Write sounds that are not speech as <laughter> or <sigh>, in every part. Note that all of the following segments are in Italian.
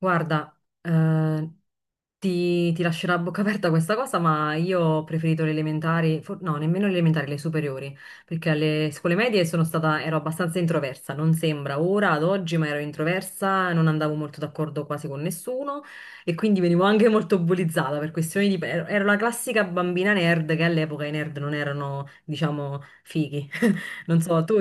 Guarda, eh, ti lascerà a bocca aperta questa cosa, ma io ho preferito le elementari, no, nemmeno le elementari, le superiori, perché alle scuole medie sono stata, ero abbastanza introversa, non sembra ora, ad oggi, ma ero introversa, non andavo molto d'accordo quasi con nessuno e quindi venivo anche <laughs> molto bullizzata per questioni di... ero la classica bambina nerd che all'epoca i nerd non erano, diciamo, fighi. <laughs> Non so, tu...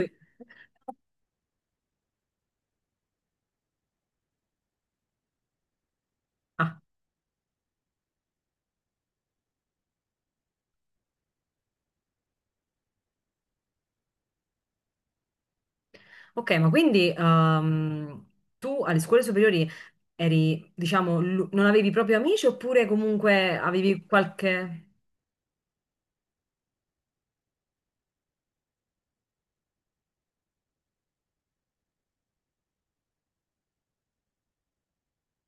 Ok, ma quindi tu alle scuole superiori eri, diciamo, non avevi proprio amici oppure comunque avevi qualche...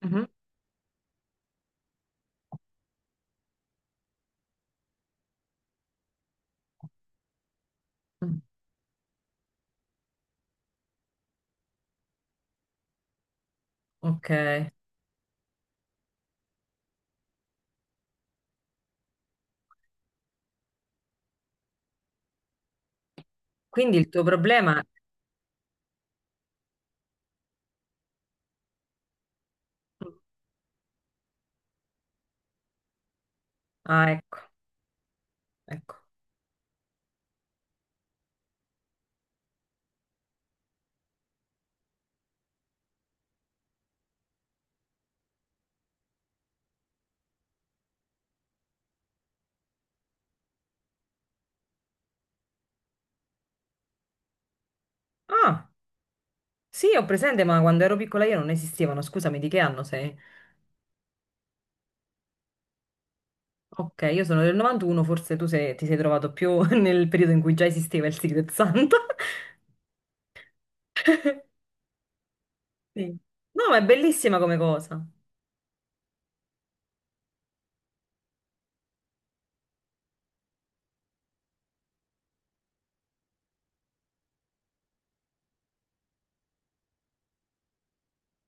Mhm. Mm. Ok, quindi il tuo problema... Ah, ecco, ecco. Ah, sì, ho presente, ma quando ero piccola io non esistevano, scusami, di che anno sei? Ok, io sono del 91, forse ti sei trovato più <laughs> nel periodo in cui già esisteva il Secret Santa. <laughs> Sì. No, ma è bellissima come cosa.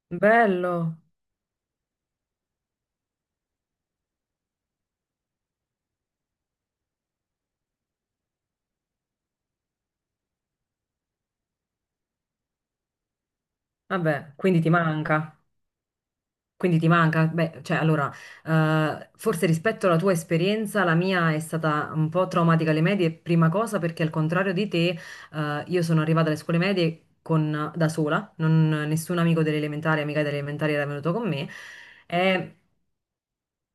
Bello. Vabbè, quindi ti manca. Quindi ti manca? Beh, cioè, allora, forse rispetto alla tua esperienza, la mia è stata un po' traumatica alle medie, prima cosa perché al contrario di te, io sono arrivata alle scuole medie da sola, nessun amico delle elementari, amica delle elementari era venuto con me. E,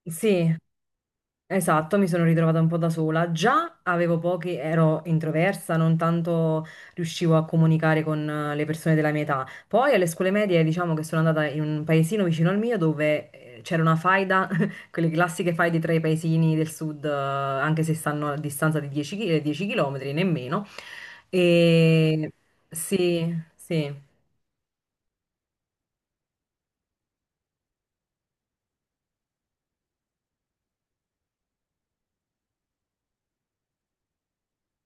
sì, esatto, mi sono ritrovata un po' da sola. Già avevo pochi, ero introversa, non tanto riuscivo a comunicare con le persone della mia età. Poi alle scuole medie, diciamo che sono andata in un paesino vicino al mio dove c'era una faida, <laughs> quelle classiche faide tra i paesini del sud, anche se stanno a distanza di 10 km, nemmeno. E sì, sì.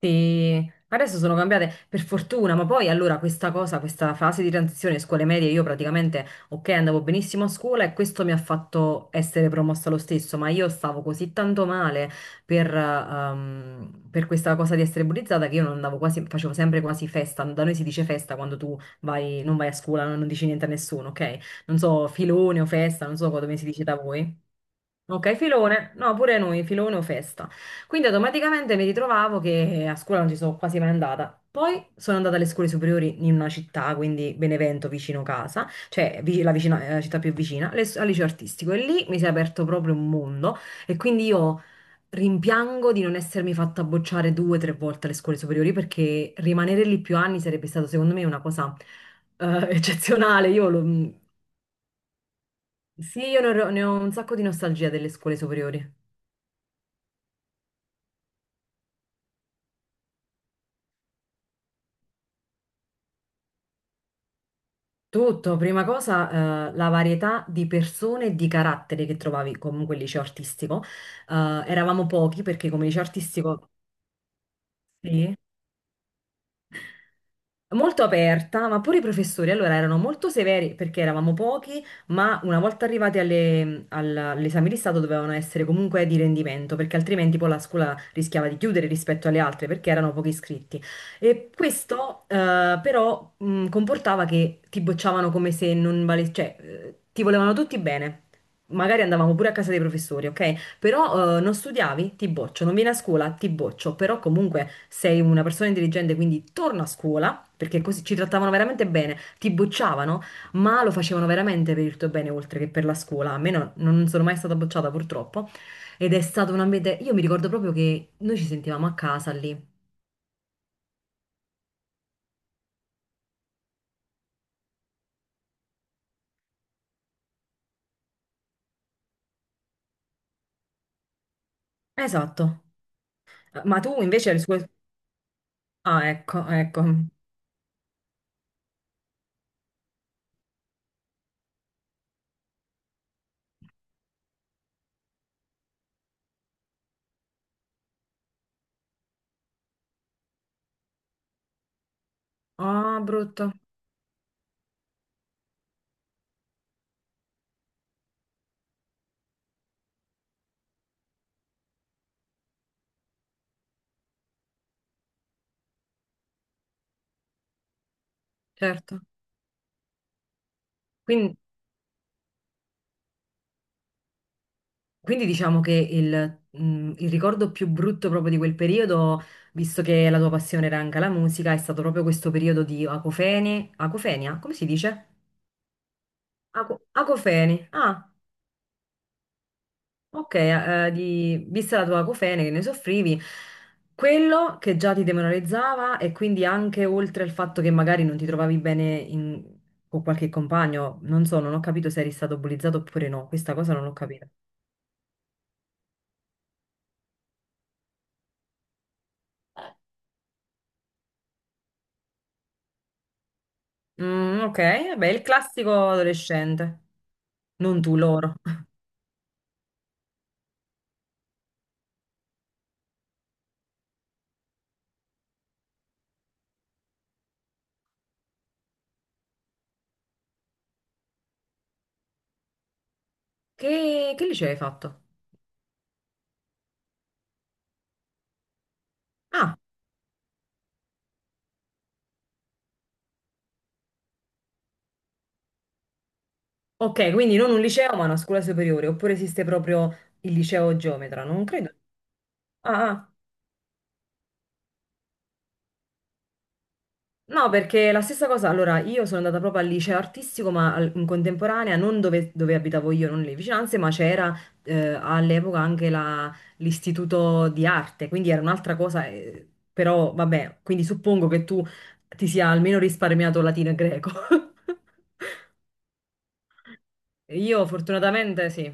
Sì, adesso sono cambiate per fortuna, ma poi allora questa cosa, questa fase di transizione scuole medie, io praticamente, ok, andavo benissimo a scuola e questo mi ha fatto essere promossa lo stesso, ma io stavo così tanto male per questa cosa di essere bullizzata che io non andavo quasi, facevo sempre quasi festa, da noi si dice festa quando tu vai, non vai a scuola, non dici niente a nessuno, ok? Non so, filone o festa, non so come si dice da voi. Ok, filone, no, pure noi, filone o festa. Quindi automaticamente mi ritrovavo che a scuola non ci sono quasi mai andata. Poi sono andata alle scuole superiori in una città, quindi Benevento, vicino casa, cioè la città più vicina, al liceo artistico. E lì mi si è aperto proprio un mondo e quindi io rimpiango di non essermi fatta bocciare 2 o 3 volte alle scuole superiori perché rimanere lì più anni sarebbe stato secondo me una cosa <laughs> eccezionale. Sì, io ne ho un sacco di nostalgia delle scuole superiori. Tutto, prima cosa, la varietà di persone e di carattere che trovavi comunque il liceo artistico. Eh, Eravamo pochi perché come liceo artistico... Sì, molto aperta, ma pure i professori allora erano molto severi perché eravamo pochi, ma una volta arrivati all'esame di Stato dovevano essere comunque di rendimento, perché altrimenti poi la scuola rischiava di chiudere rispetto alle altre perché erano pochi iscritti. E questo però comportava che ti bocciavano come se non valesse, cioè ti volevano tutti bene. Magari andavamo pure a casa dei professori, ok? Però non studiavi? Ti boccio. Non vieni a scuola? Ti boccio, però comunque sei una persona intelligente, quindi torna a scuola, perché così ci trattavano veramente bene, ti bocciavano, ma lo facevano veramente per il tuo bene oltre che per la scuola. A me non sono mai stata bocciata purtroppo, ed è stato un ambiente, io mi ricordo proprio che noi ci sentivamo a casa lì. Esatto. Ma tu invece alle scuole... Ah, ecco, ecco. Ah, brutto, certo. Quindi... Quindi diciamo che il ricordo più brutto proprio di quel periodo, visto che la tua passione era anche la musica, è stato proprio questo periodo di acofeni, acofenia, come si dice? Acofeni. Ah, ok, vista la tua acofene che ne soffrivi, quello che già ti demoralizzava e quindi anche oltre al fatto che magari non ti trovavi bene con qualche compagno, non so, non ho capito se eri stato bullizzato oppure no, questa cosa non l'ho capita. Mm, ok, vabbè, il classico adolescente. Non tu, loro. Che liceo hai fatto? Ah, ok, quindi non un liceo, ma una scuola superiore, oppure esiste proprio il liceo geometra, non credo. Ah, ah. No, perché la stessa cosa, allora io sono andata proprio al liceo artistico, ma in contemporanea, non dove abitavo io, non le vicinanze, ma c'era all'epoca anche l'istituto di arte, quindi era un'altra cosa, però vabbè, quindi suppongo che tu ti sia almeno risparmiato latino e greco. <laughs> Io fortunatamente sì.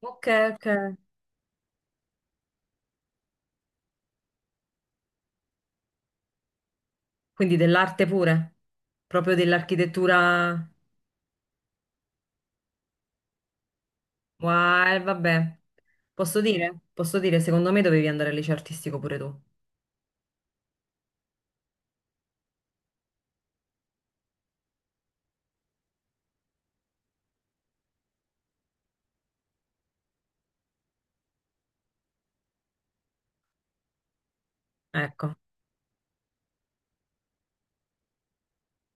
Ok, ok. Quindi dell'arte pure, proprio dell'architettura. Wow, vabbè. Posso dire? Posso dire, secondo me dovevi andare al liceo artistico pure tu. Ecco.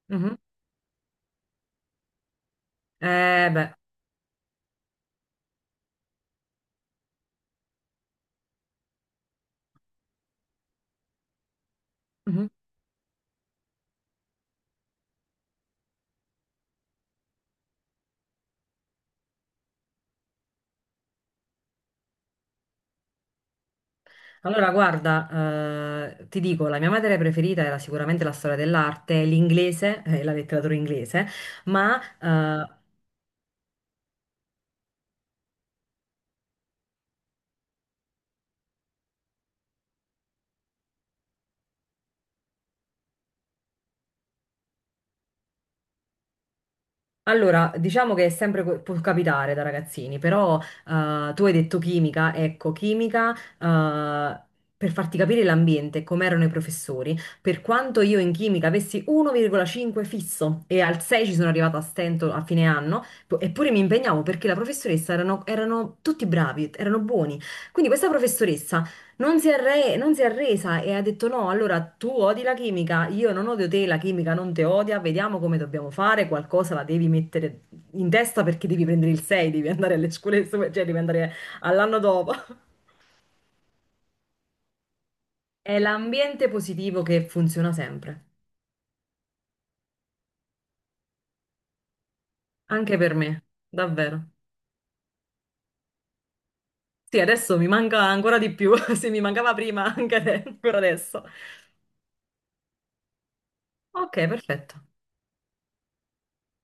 Mhm. Beh. Mhm. Allora, guarda, ti dico, la mia materia preferita era sicuramente la storia dell'arte, l'inglese, la letteratura inglese, ma eh, Allora, diciamo che è sempre può capitare da ragazzini, però tu hai detto chimica, ecco, chimica, eh, per farti capire l'ambiente, com'erano i professori, per quanto io in chimica avessi 1,5 fisso e al 6 ci sono arrivata a stento a fine anno, eppure mi impegnavo perché la professoressa erano tutti bravi, erano buoni. Quindi questa professoressa non si è arresa e ha detto no, allora tu odi la chimica, io non odio te, la chimica non te odia, vediamo come dobbiamo fare, qualcosa la devi mettere in testa perché devi prendere il 6, devi andare alle scuole, superiori, cioè devi andare all'anno dopo. <laughs> È l'ambiente positivo che funziona sempre, anche per me, davvero. Sì, adesso mi manca ancora di più, <laughs> se mi mancava prima, anche ancora adesso. Ok, perfetto.